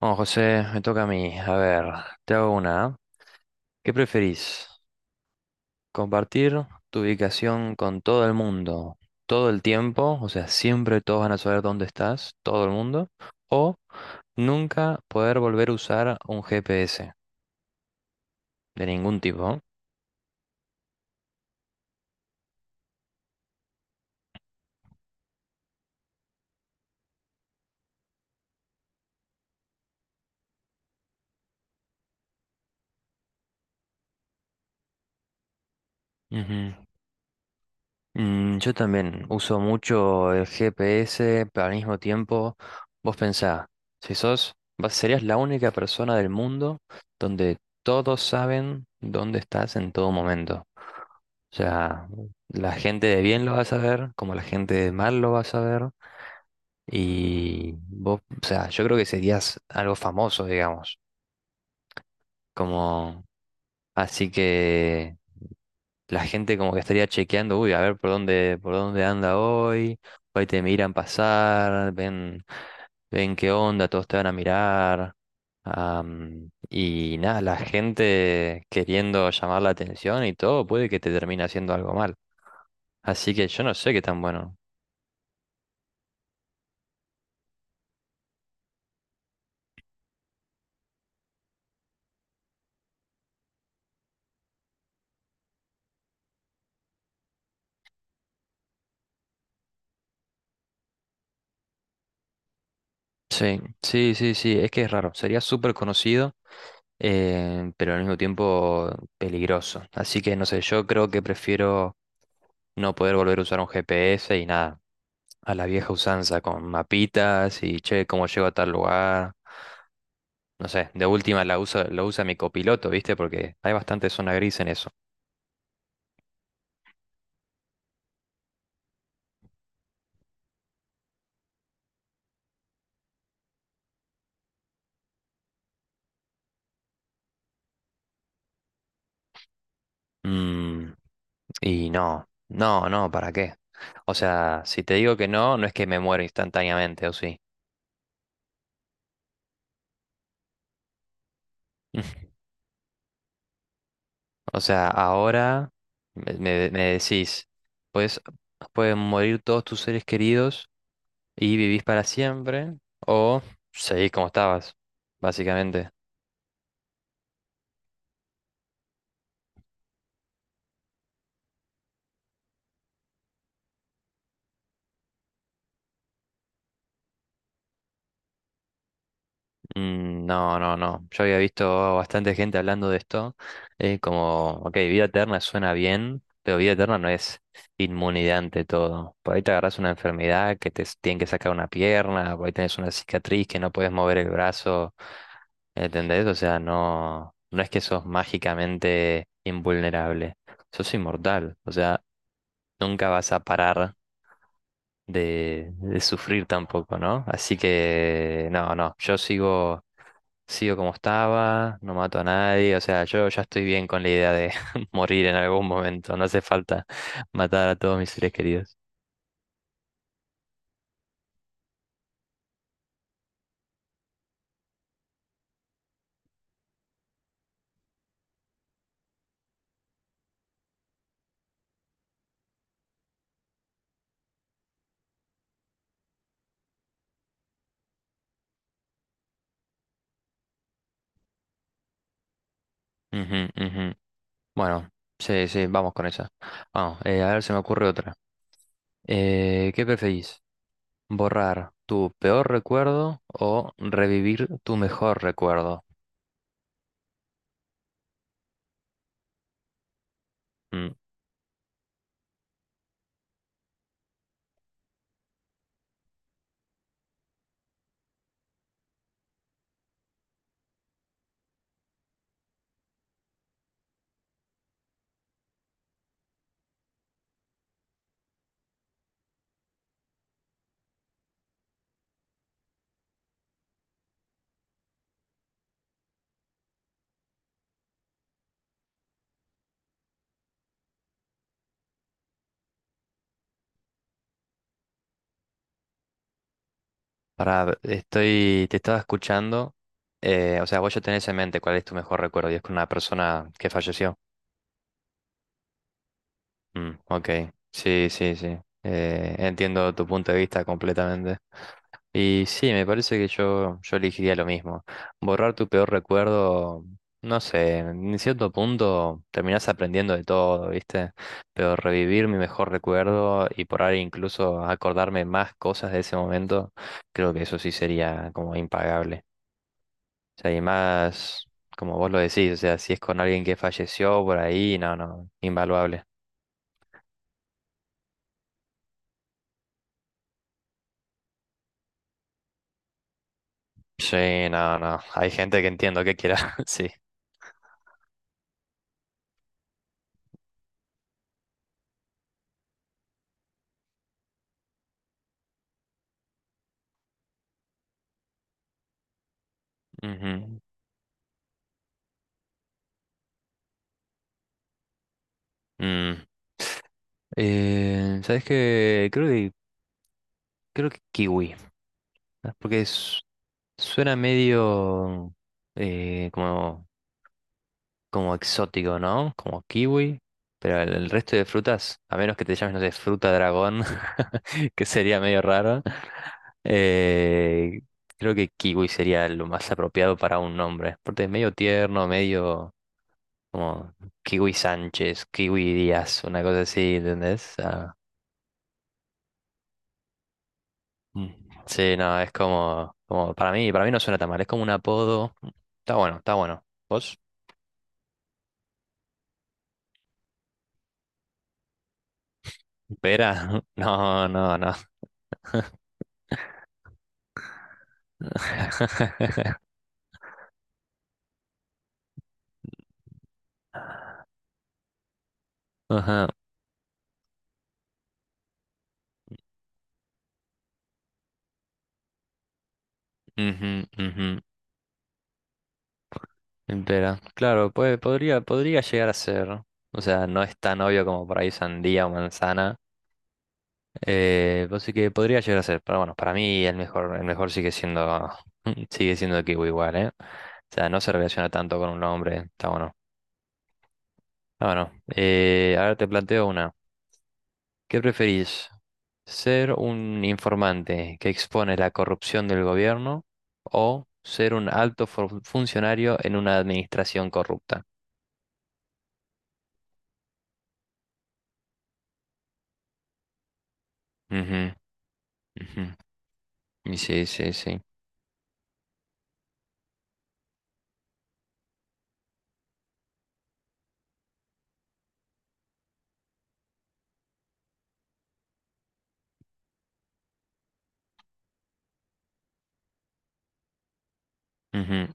Bueno, José, me toca a mí. A ver, te hago una. ¿Ah? ¿Qué preferís? ¿Compartir tu ubicación con todo el mundo todo el tiempo? O sea, siempre todos van a saber dónde estás, todo el mundo. ¿O nunca poder volver a usar un GPS de ningún tipo? Ujú. Yo también uso mucho el GPS, pero al mismo tiempo, vos pensá, si sos, serías la única persona del mundo donde todos saben dónde estás en todo momento. O sea, la gente de bien lo va a saber, como la gente de mal lo va a saber, y vos, o sea, yo creo que serías algo famoso, digamos, como, así que la gente como que estaría chequeando, uy, a ver por dónde anda hoy, hoy te miran pasar, ven, ven qué onda, todos te van a mirar. Y nada, la gente queriendo llamar la atención y todo, puede que te termine haciendo algo mal. Así que yo no sé qué tan bueno. Sí, sí, sí, sí, es que es raro. Sería súper conocido, pero al mismo tiempo peligroso. Así que no sé, yo creo que prefiero no poder volver a usar un GPS y nada. A la vieja usanza, con mapitas y che, cómo llego a tal lugar. No sé, de última la usa, lo usa mi copiloto, ¿viste? Porque hay bastante zona gris en eso. Mm, y no, no, no, ¿para qué? O sea, si te digo que no, no es que me muero instantáneamente, ¿o sí? O sea, ahora me decís, pues pueden morir todos tus seres queridos y vivís para siempre, o seguís como estabas, básicamente. No, no, no. Yo había visto bastante gente hablando de esto. Como, ok, vida eterna suena bien, pero vida eterna no es inmunidad ante todo. Por ahí te agarras una enfermedad que tienen que sacar una pierna, por ahí tenés una cicatriz que no puedes mover el brazo. ¿Entendés? O sea, no, no es que sos mágicamente invulnerable. Sos inmortal. O sea, nunca vas a parar de sufrir tampoco, ¿no? Así que no, no, sigo como estaba, no mato a nadie, o sea, yo ya estoy bien con la idea de morir en algún momento, no hace falta matar a todos mis seres queridos. Ujú, ujú. Bueno, sí, sí, vamos con esa. Vamos, a ver, se me ocurre otra. ¿Qué preferís? ¿Borrar tu peor recuerdo o revivir tu mejor recuerdo? Mm, Para, estoy, te estaba escuchando. O sea, vos ya tenés en mente cuál es tu mejor recuerdo y es con una persona que falleció. Ok, sí, sí, sí. Entiendo tu punto de vista completamente. Y sí, me parece que yo elegiría lo mismo. Borrar tu peor recuerdo, no sé, en cierto punto terminás aprendiendo de todo, ¿viste? Pero revivir mi mejor recuerdo y por ahí incluso acordarme más cosas de ese momento, creo que eso sí sería como impagable. O sea, y más, como vos lo decís, o sea, si es con alguien que falleció por ahí, no, no, invaluable. Sí, no, no, hay gente que entiendo que quiera, sí. Ujú. Mm. ¿Sabes qué? Creo que kiwi, ¿no? Suena medio como como exótico, ¿no? Como kiwi. Pero el resto de frutas, a menos que te llames, no sé, fruta dragón, que sería medio raro. eh, Creo que kiwi sería lo más apropiado para un nombre. Porque es medio tierno, medio como kiwi Sánchez, kiwi Díaz, una cosa así, ¿entendés? Mm. Sí, no, es como, como para mí no suena tan mal, es como un apodo. Está bueno, está bueno. ¿Vos? Pera, no, no, no. Ajá, ujú, ujú, pera. Claro, podría, podría llegar a ser. O sea, no es tan obvio como por ahí sandía o manzana. Así que podría llegar a ser. Pero bueno, para mí el mejor sigue siendo, sigue siendo kiwi igual, ¿eh? O sea, no se relaciona tanto con un nombre. Está bueno. Está bueno. Ahora te planteo una. ¿Qué preferís? ¿Ser un informante que expone la corrupción del gobierno o ser un alto funcionario en una administración corrupta? Ujú, ujú. Y sí, sí, sí. Ujú,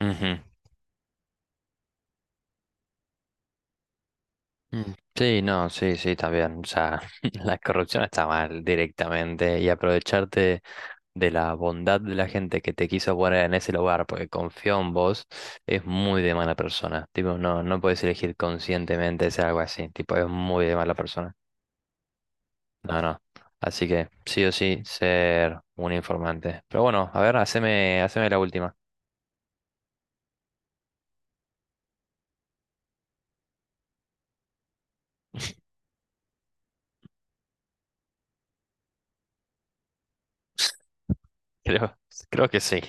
ujú. Sí, no, sí, sí, también. O sea, la corrupción está mal directamente y aprovecharte de la bondad de la gente que te quiso poner en ese lugar porque confió en vos es muy de mala persona. Tipo, no, no puedes elegir conscientemente hacer algo así. Tipo, es muy de mala persona. No, no. Así que sí o sí, ser un informante. Pero bueno, a ver, haceme, haceme la última. Creo, creo que sí.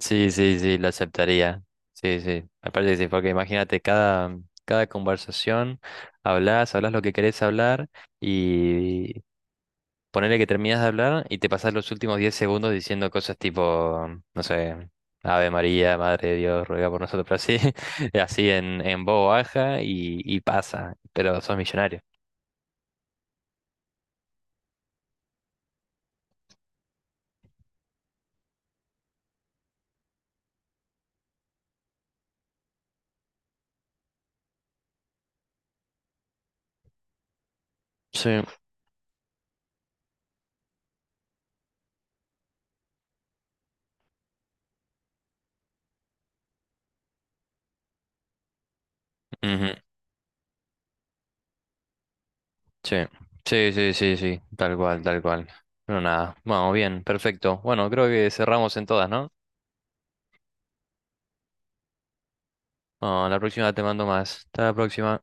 Sí, sí, sí, lo aceptaría. Sí, sí, aparte sí, porque imagínate, cada, cada conversación hablas, hablas lo que querés hablar y ponele que terminas de hablar y te pasas los últimos 10 segundos diciendo cosas tipo, no sé, Ave María, Madre de Dios, ruega por nosotros, pero así, así en voz baja y pasa, pero sos millonario. Sí, ujú, sí, sí, sí, sí, sí, tal cual, tal cual. No nada, bueno, bien, perfecto. Bueno, creo que cerramos en todas, ¿no? No, la próxima te mando más. Hasta la próxima.